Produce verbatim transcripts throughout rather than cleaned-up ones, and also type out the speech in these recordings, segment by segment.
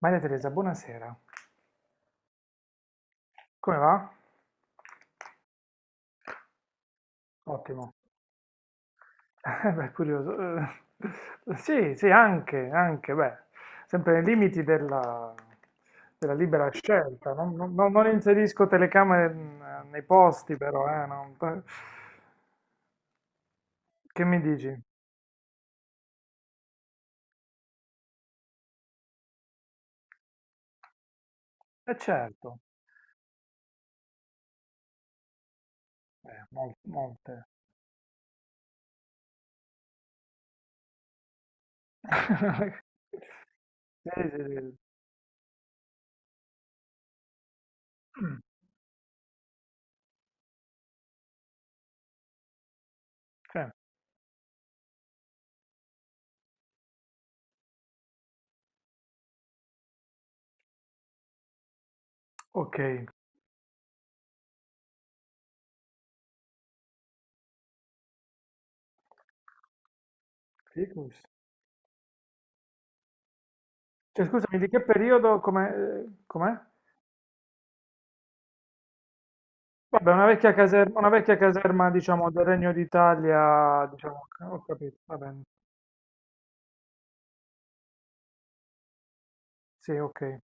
Maria Teresa, buonasera. Come va? Ottimo. Eh, beh, curioso. Eh, sì, sì, anche, anche, beh, sempre nei limiti della, della libera scelta. Non, non- non- non inserisco telecamere mh, nei posti, però, eh, non- per- Che mi dici? Eh, certo, eh, mol- molte. Sì, sì, sì. Mm, sì. Ok, Ficus. Cioè, scusami, di che periodo, com'è? eh, com'è? Vabbè, una vecchia caserma, una vecchia caserma, diciamo, del Regno d'Italia, diciamo, ho capito, va bene. Sì, ok.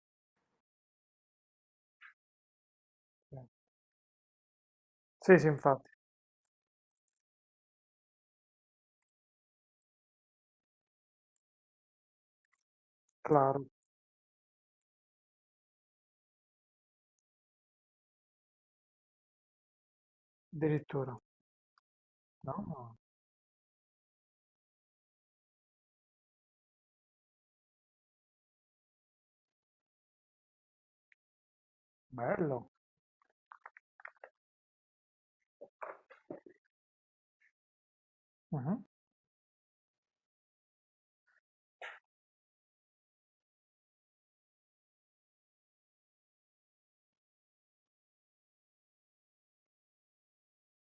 Sì, sì, infatti, claro, addirittura. No, bello. Mhm.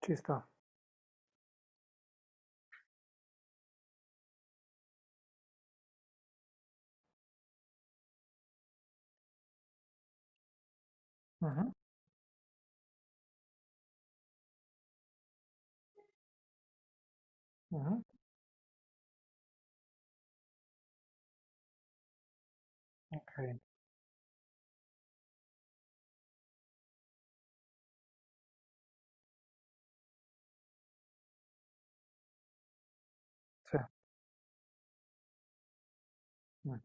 Ci sta. Mhm, mhm, ok, sì, mm.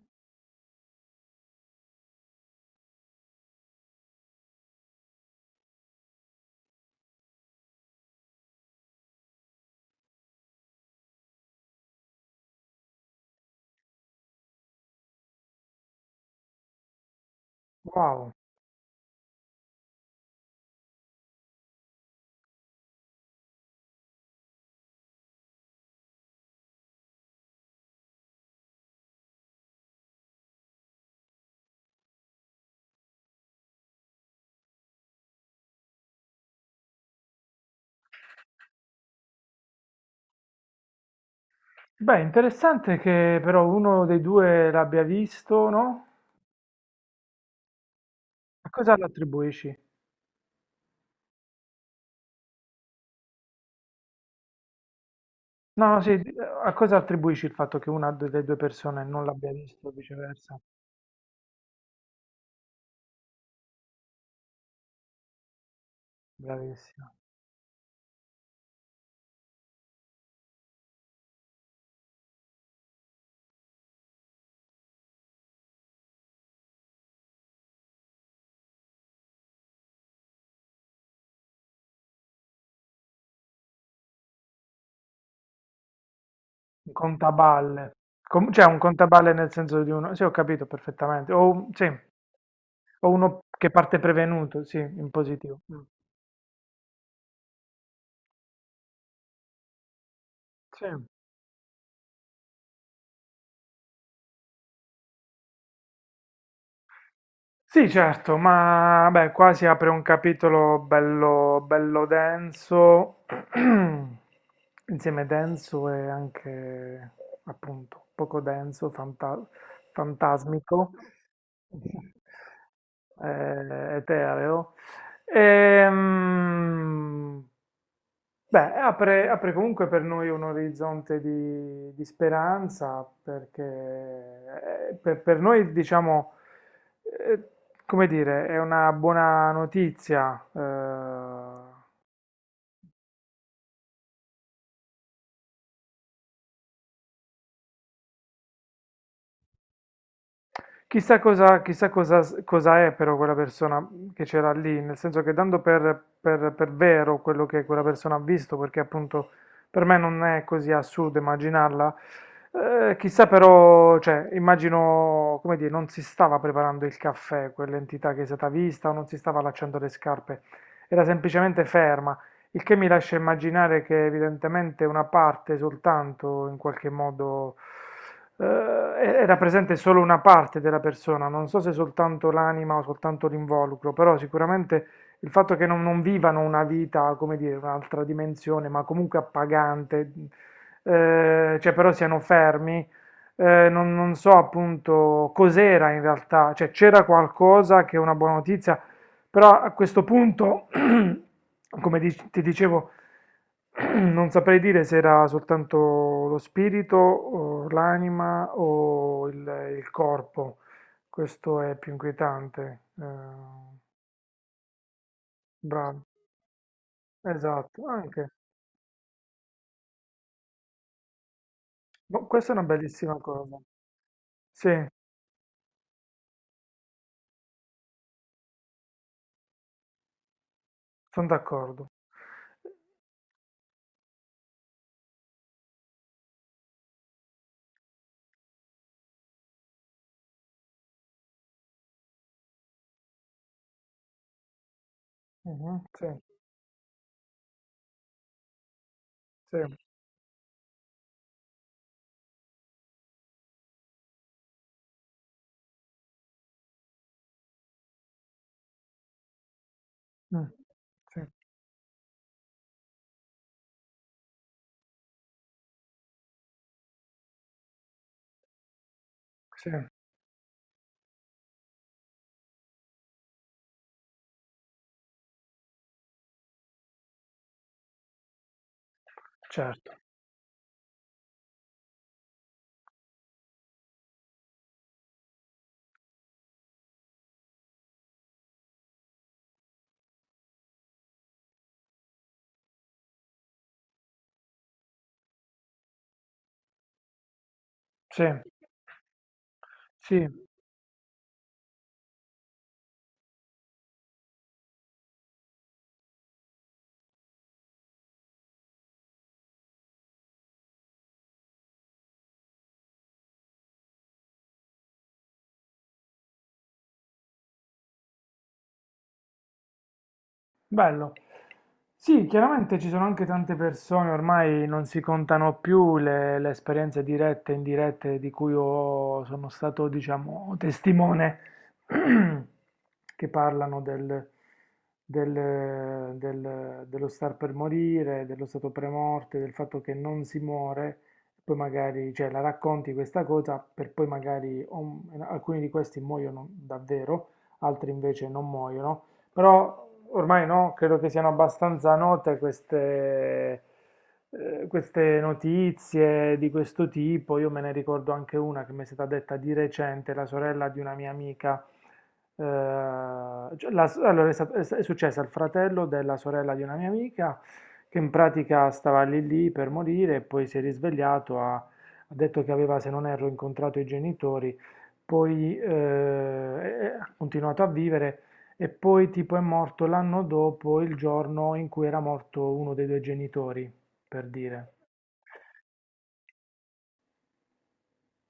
Wow. Beh, interessante che però uno dei due l'abbia visto, no? A cosa lo attribuisci? No, no, sì, di- A cosa attribuisci il fatto che una de- delle due persone non l'abbia visto o viceversa? Bravissimo. Un contaballe. Com- cioè un contaballe nel senso di uno... Sì, ho capito perfettamente. O, un- sì. O uno che parte prevenuto, sì, in positivo. Mm. Sì. Sì, certo, ma beh, qua si apre un capitolo bello, bello denso, insieme denso e anche appunto poco denso, fanta- fantasmico eh, etereo. Ehm, Beh, apre, apre comunque per noi un orizzonte di, di speranza, perché eh, per, per noi, diciamo, eh, come dire, è una buona notizia. eh, Chissà cosa, chissà cosa, cosa è però quella persona che c'era lì, nel senso che dando per, per- per vero quello che quella persona ha visto, perché appunto per me non è così assurdo immaginarla, eh, chissà però, cioè, immagino, come dire, non si stava preparando il caffè, quell'entità che è stata vista, o non si stava allacciando le scarpe, era semplicemente ferma. Il che mi lascia immaginare che evidentemente una parte soltanto, in qualche modo, eh, era presente solo una parte della persona, non so se soltanto l'anima o soltanto l'involucro, però sicuramente il fatto che non, non vivano una vita, come dire, un'altra dimensione, ma comunque appagante, eh, cioè però siano fermi, eh, non, non so appunto cos'era in realtà, cioè c'era qualcosa che è una buona notizia, però a questo punto, come dic- ti dicevo, non saprei dire se era soltanto lo spirito, o l'anima o il, il corpo. Questo è più inquietante. Eh, bravo, esatto, anche. Boh, questa è una bellissima cosa. Sì, sono d'accordo. Mhm, sì, sì, mm, sì, sì, certo, sì, sì. Bello. Sì, chiaramente ci sono anche tante persone, ormai non si contano più le, le esperienze dirette e indirette di cui ho- sono stato, diciamo, testimone, che parlano del- del- del- dello star per morire, dello stato premorte, del fatto che non si muore, poi magari, cioè, la racconti questa cosa per poi magari um, alcuni di questi muoiono davvero, altri invece non muoiono. Però ormai no, credo che siano abbastanza note queste, eh, queste notizie di questo tipo. Io me ne ricordo anche una che mi è stata detta di recente, la sorella di una mia amica. Eh, cioè, la- allora è, stat- è s- è successo al fratello della sorella di una mia amica che in pratica stava lì lì per morire e poi si è risvegliato, ha, ha detto che aveva, se non erro, incontrato i genitori, poi eh, ha continuato a vivere. E poi tipo è morto l'anno dopo il giorno in cui era morto uno dei due genitori, per dire.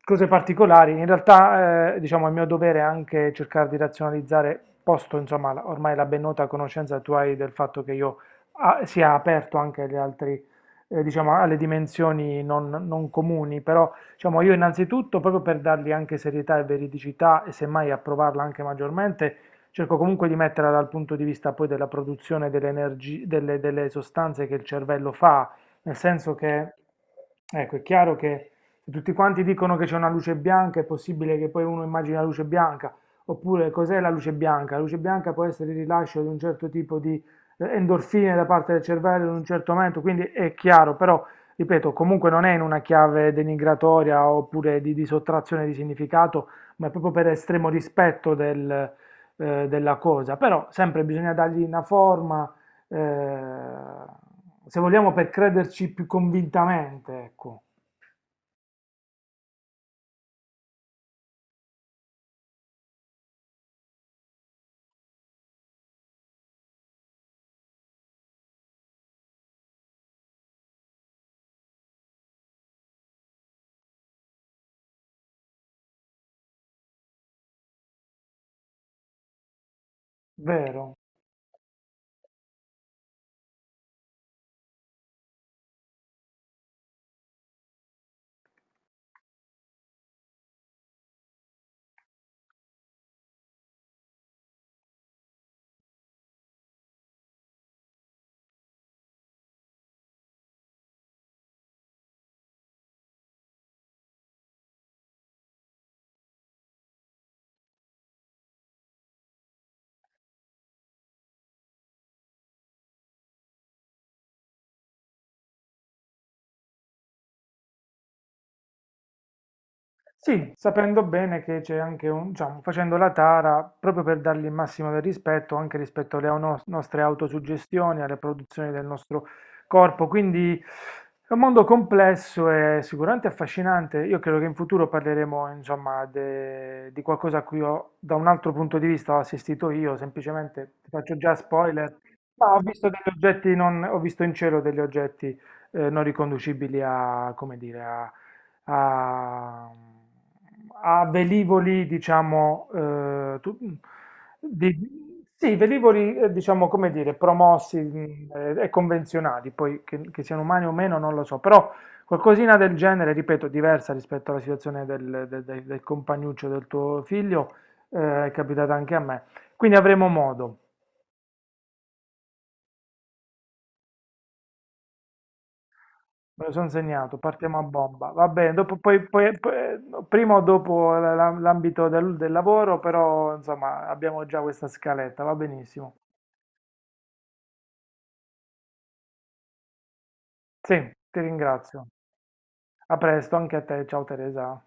Cose particolari. In realtà, eh, diciamo, è mio dovere è anche cercare di razionalizzare, posto, insomma, la- ormai la ben nota conoscenza tu hai del fatto che io ah, sia aperto anche agli altri, eh, diciamo, alle dimensioni non, non comuni, però, diciamo, io innanzitutto, proprio per dargli anche serietà e veridicità e semmai approvarla anche maggiormente, cerco comunque di metterla dal punto di vista poi della produzione delle, energi- delle delle sostanze che il cervello fa, nel senso che, ecco, è chiaro che se tutti quanti dicono che c'è una luce bianca, è possibile che poi uno immagini la luce bianca, oppure cos'è la luce bianca? La luce bianca può essere il rilascio di un certo tipo di eh, endorfine da parte del cervello in un certo momento, quindi è chiaro, però ripeto, comunque non è in una chiave denigratoria oppure di, di sottrazione di significato, ma è proprio per estremo rispetto del, eh, della cosa, però sempre bisogna dargli una forma, eh, se vogliamo, per crederci più convintamente, ecco, vero? Sì, sapendo bene che c'è anche un, diciamo, facendo la tara, proprio per dargli il massimo del rispetto, anche rispetto alle ono- nostre autosuggestioni, alle produzioni del nostro corpo. Quindi è un mondo complesso e sicuramente affascinante. Io credo che in futuro parleremo, insomma, de- di qualcosa a cui ho, da un altro punto di vista ho assistito io, semplicemente ti faccio già spoiler, ma ho visto degli oggetti non, ho visto in cielo degli oggetti eh, non riconducibili a, come dire, a a, a velivoli, diciamo, eh, tu- di- sì, velivoli, eh, diciamo, come dire, promossi mh, eh, e convenzionali, poi che, che siano umani o meno non lo so, però qualcosina del genere, ripeto, diversa rispetto alla situazione del, del- del- del compagnuccio del tuo figlio, eh, è capitata anche a me. Quindi avremo modo. Me lo sono segnato, partiamo a bomba. Va bene, dopo, poi, poi- poi- prima o dopo la- la- l'ambito del, del lavoro, però insomma abbiamo già questa scaletta, va benissimo. Sì, ti ringrazio. A presto anche a te, ciao Teresa.